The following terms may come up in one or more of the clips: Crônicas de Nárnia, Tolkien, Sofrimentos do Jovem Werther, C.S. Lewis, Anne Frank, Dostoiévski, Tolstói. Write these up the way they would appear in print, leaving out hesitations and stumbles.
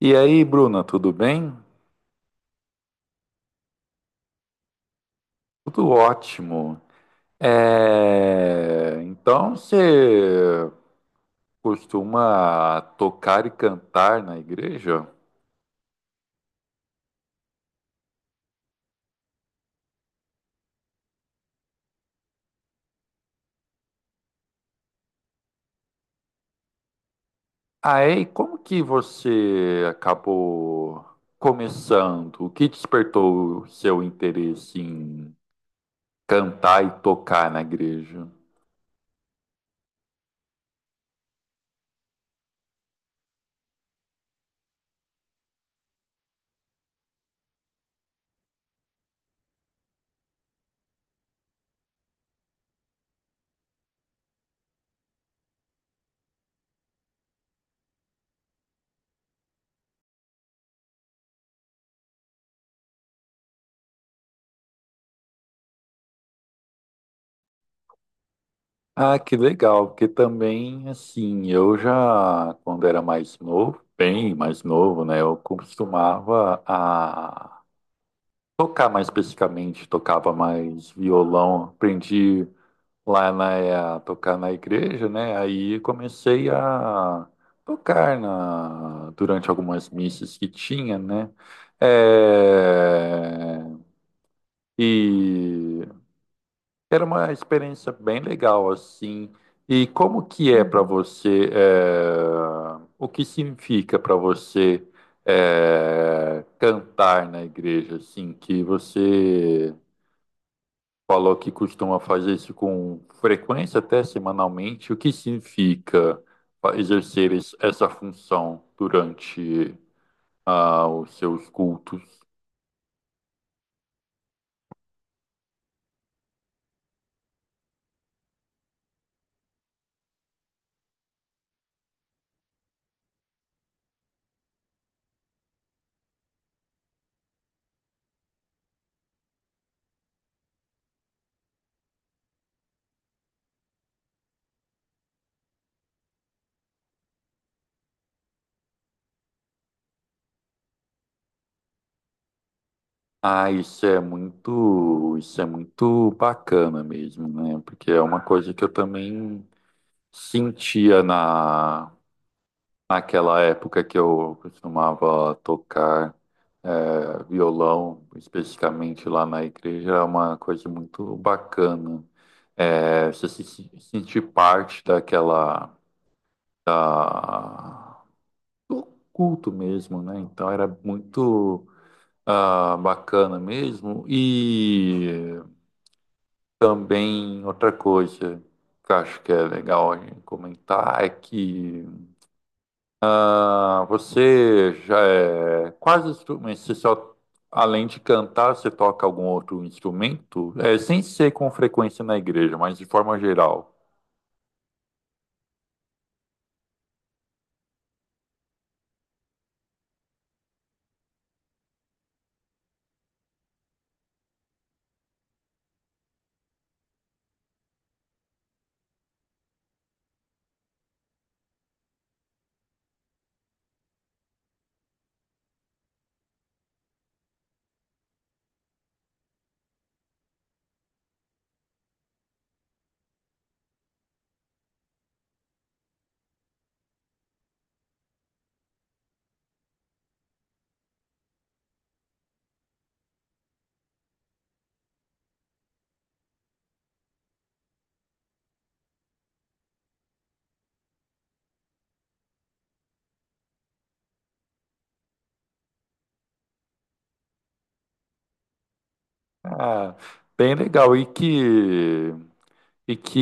E aí, Bruna, tudo bem? Tudo ótimo. Então você costuma tocar e cantar na igreja? Ah, é? E como que você acabou começando? O que despertou o seu interesse em cantar e tocar na igreja? Ah, que legal, porque também, assim, eu já, quando era mais novo, bem mais novo, né, eu costumava a tocar mais especificamente, tocava mais violão. Aprendi a tocar na igreja, né? Aí comecei a durante algumas missas que tinha, né? É, e era uma experiência bem legal, assim. E como que é para, uhum, você, o que significa para você, cantar na igreja, assim, que você falou que costuma fazer isso com frequência, até semanalmente. O que significa exercer essa função durante, os seus cultos? Ah, isso é muito bacana mesmo, né? Porque é uma coisa que eu também sentia naquela época que eu costumava tocar, violão, especificamente lá na igreja, é uma coisa muito bacana. É, você se sentir parte da- do culto mesmo, né? Então era muito, bacana mesmo. E também outra coisa que eu acho que é legal a gente comentar é que, ah, você já é quase instrumento. Você só, além de cantar, você toca algum outro instrumento? É, sem ser com frequência na igreja, mas de forma geral. Ah, bem legal. E que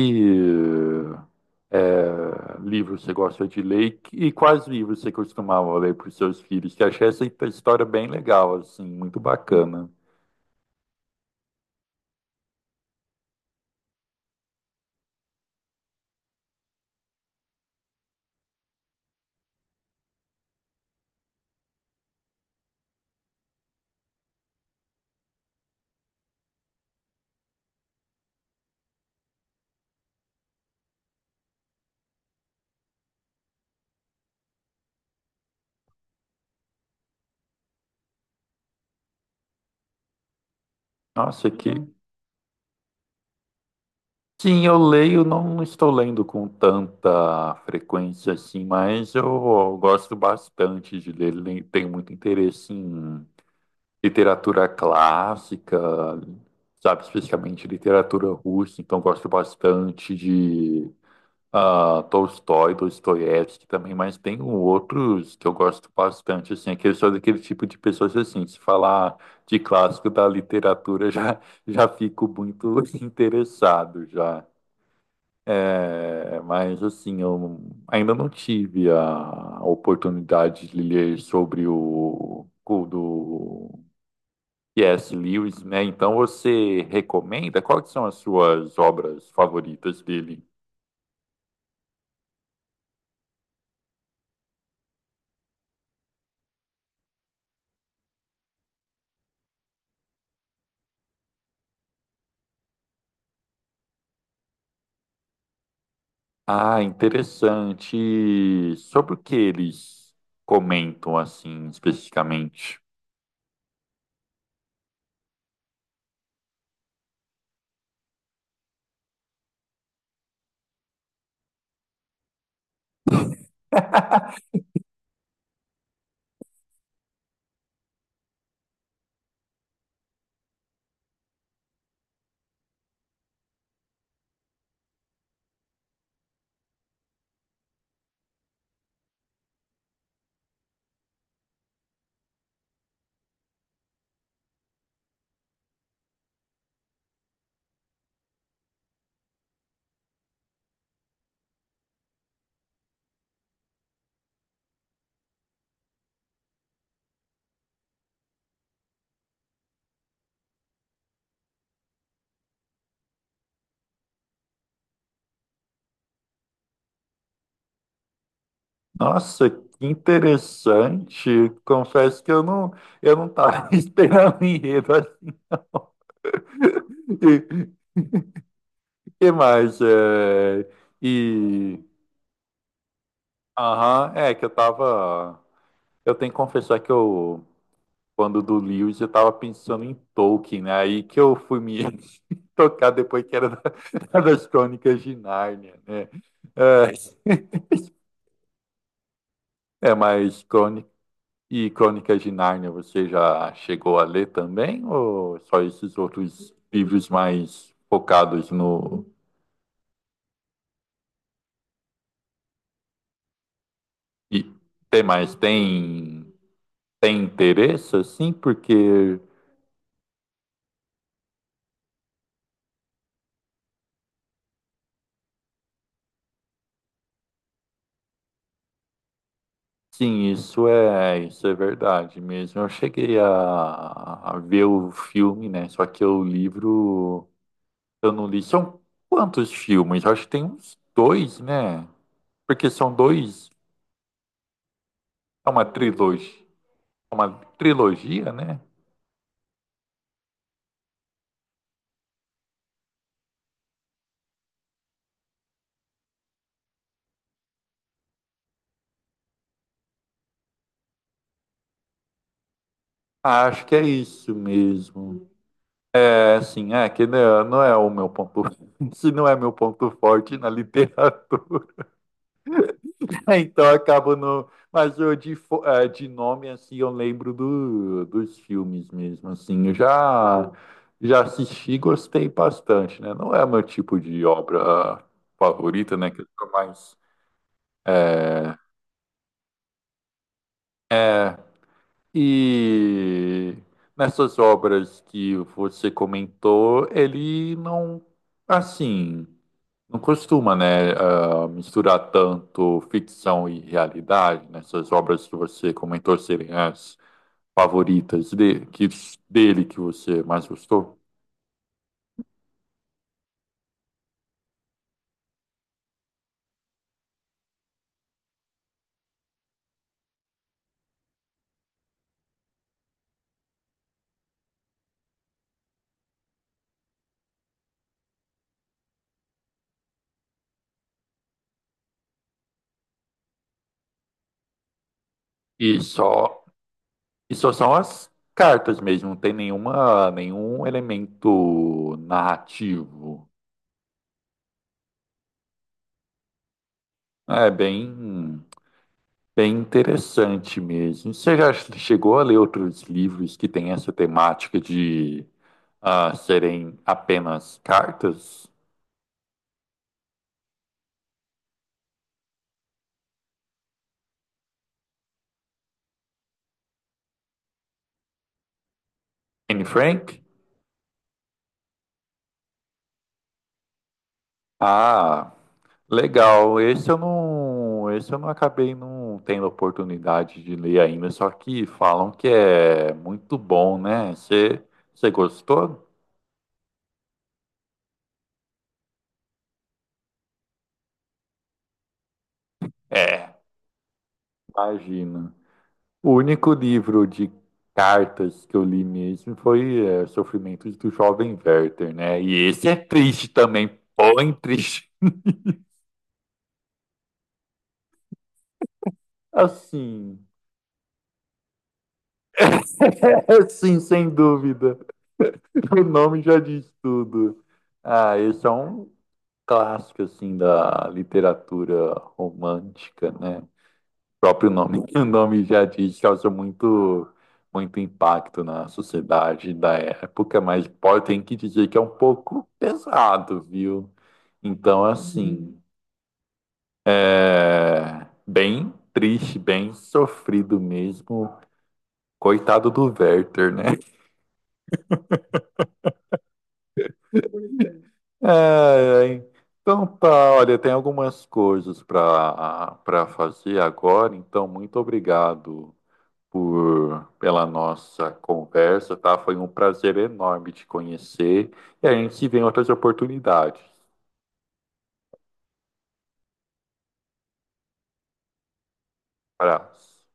livro você gosta de ler? E quais livros você costumava ler para os seus filhos? Que eu achei essa história bem legal, assim, muito bacana. Nossa, que, sim, eu leio, não estou lendo com tanta frequência assim, mas eu gosto bastante de ler, tenho muito interesse em literatura clássica, sabe, especialmente literatura russa, então gosto bastante de, Tolstói, Dostoiévski também, mas tem outros que eu gosto bastante, assim, é que eu sou daquele tipo de pessoas assim, se falar de clássico da literatura já, já fico muito interessado já. É, mas assim, eu ainda não tive a oportunidade de ler sobre o do C.S. Lewis, né? Então você recomenda? Quais são as suas obras favoritas dele? Ah, interessante. Sobre o que eles comentam assim especificamente? Nossa, que interessante. Confesso que eu não estava esperando o enredo assim. Que mais? É... E. Aham, é que eu tava. Eu tenho que confessar que eu, quando do Lewis, eu tava pensando em Tolkien, né? Aí que eu fui me tocar depois que era das Crônicas de Nárnia, né? É, é, mas Crônicas de Nárnia, você já chegou a ler também? Ou só esses outros livros mais focados no. E tem mais? Tem, tem interesse, assim? Porque. Sim, isso é verdade mesmo. Eu cheguei a ver o filme, né? Só que o livro eu não li. São quantos filmes? Eu acho que tem uns dois, né? Porque são dois, é uma trilogia, né? Ah, acho que é isso mesmo. É, assim, é que não é, não é o meu ponto, se não é meu ponto forte na literatura. É, então eu acabo no. Mas eu de nome, assim, eu lembro do, dos filmes mesmo, assim. Eu já, já assisti e gostei bastante, né? Não é meu tipo de obra favorita, né? Que eu sou mais. eh, é, e nessas obras que você comentou, ele não. Assim. Não costuma, né, misturar tanto ficção e realidade nessas obras que você comentou serem as favoritas de, que, dele que você mais gostou. E só, e só são as cartas mesmo, não tem nenhuma, nenhum elemento narrativo. É bem interessante mesmo. Você já chegou a ler outros livros que têm essa temática de, serem apenas cartas? Anne Frank? Ah, legal. Esse eu não acabei não tendo oportunidade de ler ainda, só que falam que é muito bom, né? Você gostou? É. Imagina. O único livro de cartas que eu li mesmo foi, Sofrimentos do Jovem Werther, né? E esse é triste também, bom triste. Assim, sim, sem dúvida. O nome já diz tudo. Ah, esse é um clássico assim da literatura romântica, né? O próprio nome, o nome já diz, causa muito impacto na sociedade da época, mas pode tem que dizer que é um pouco pesado, viu? Então, assim, é bem triste, bem sofrido mesmo. Coitado do Werther, né? É, é, então tá, olha, tem algumas coisas para fazer agora, então muito obrigado por pela nossa conversa, tá? Foi um prazer enorme te conhecer e a gente se vê em outras oportunidades. Abraço.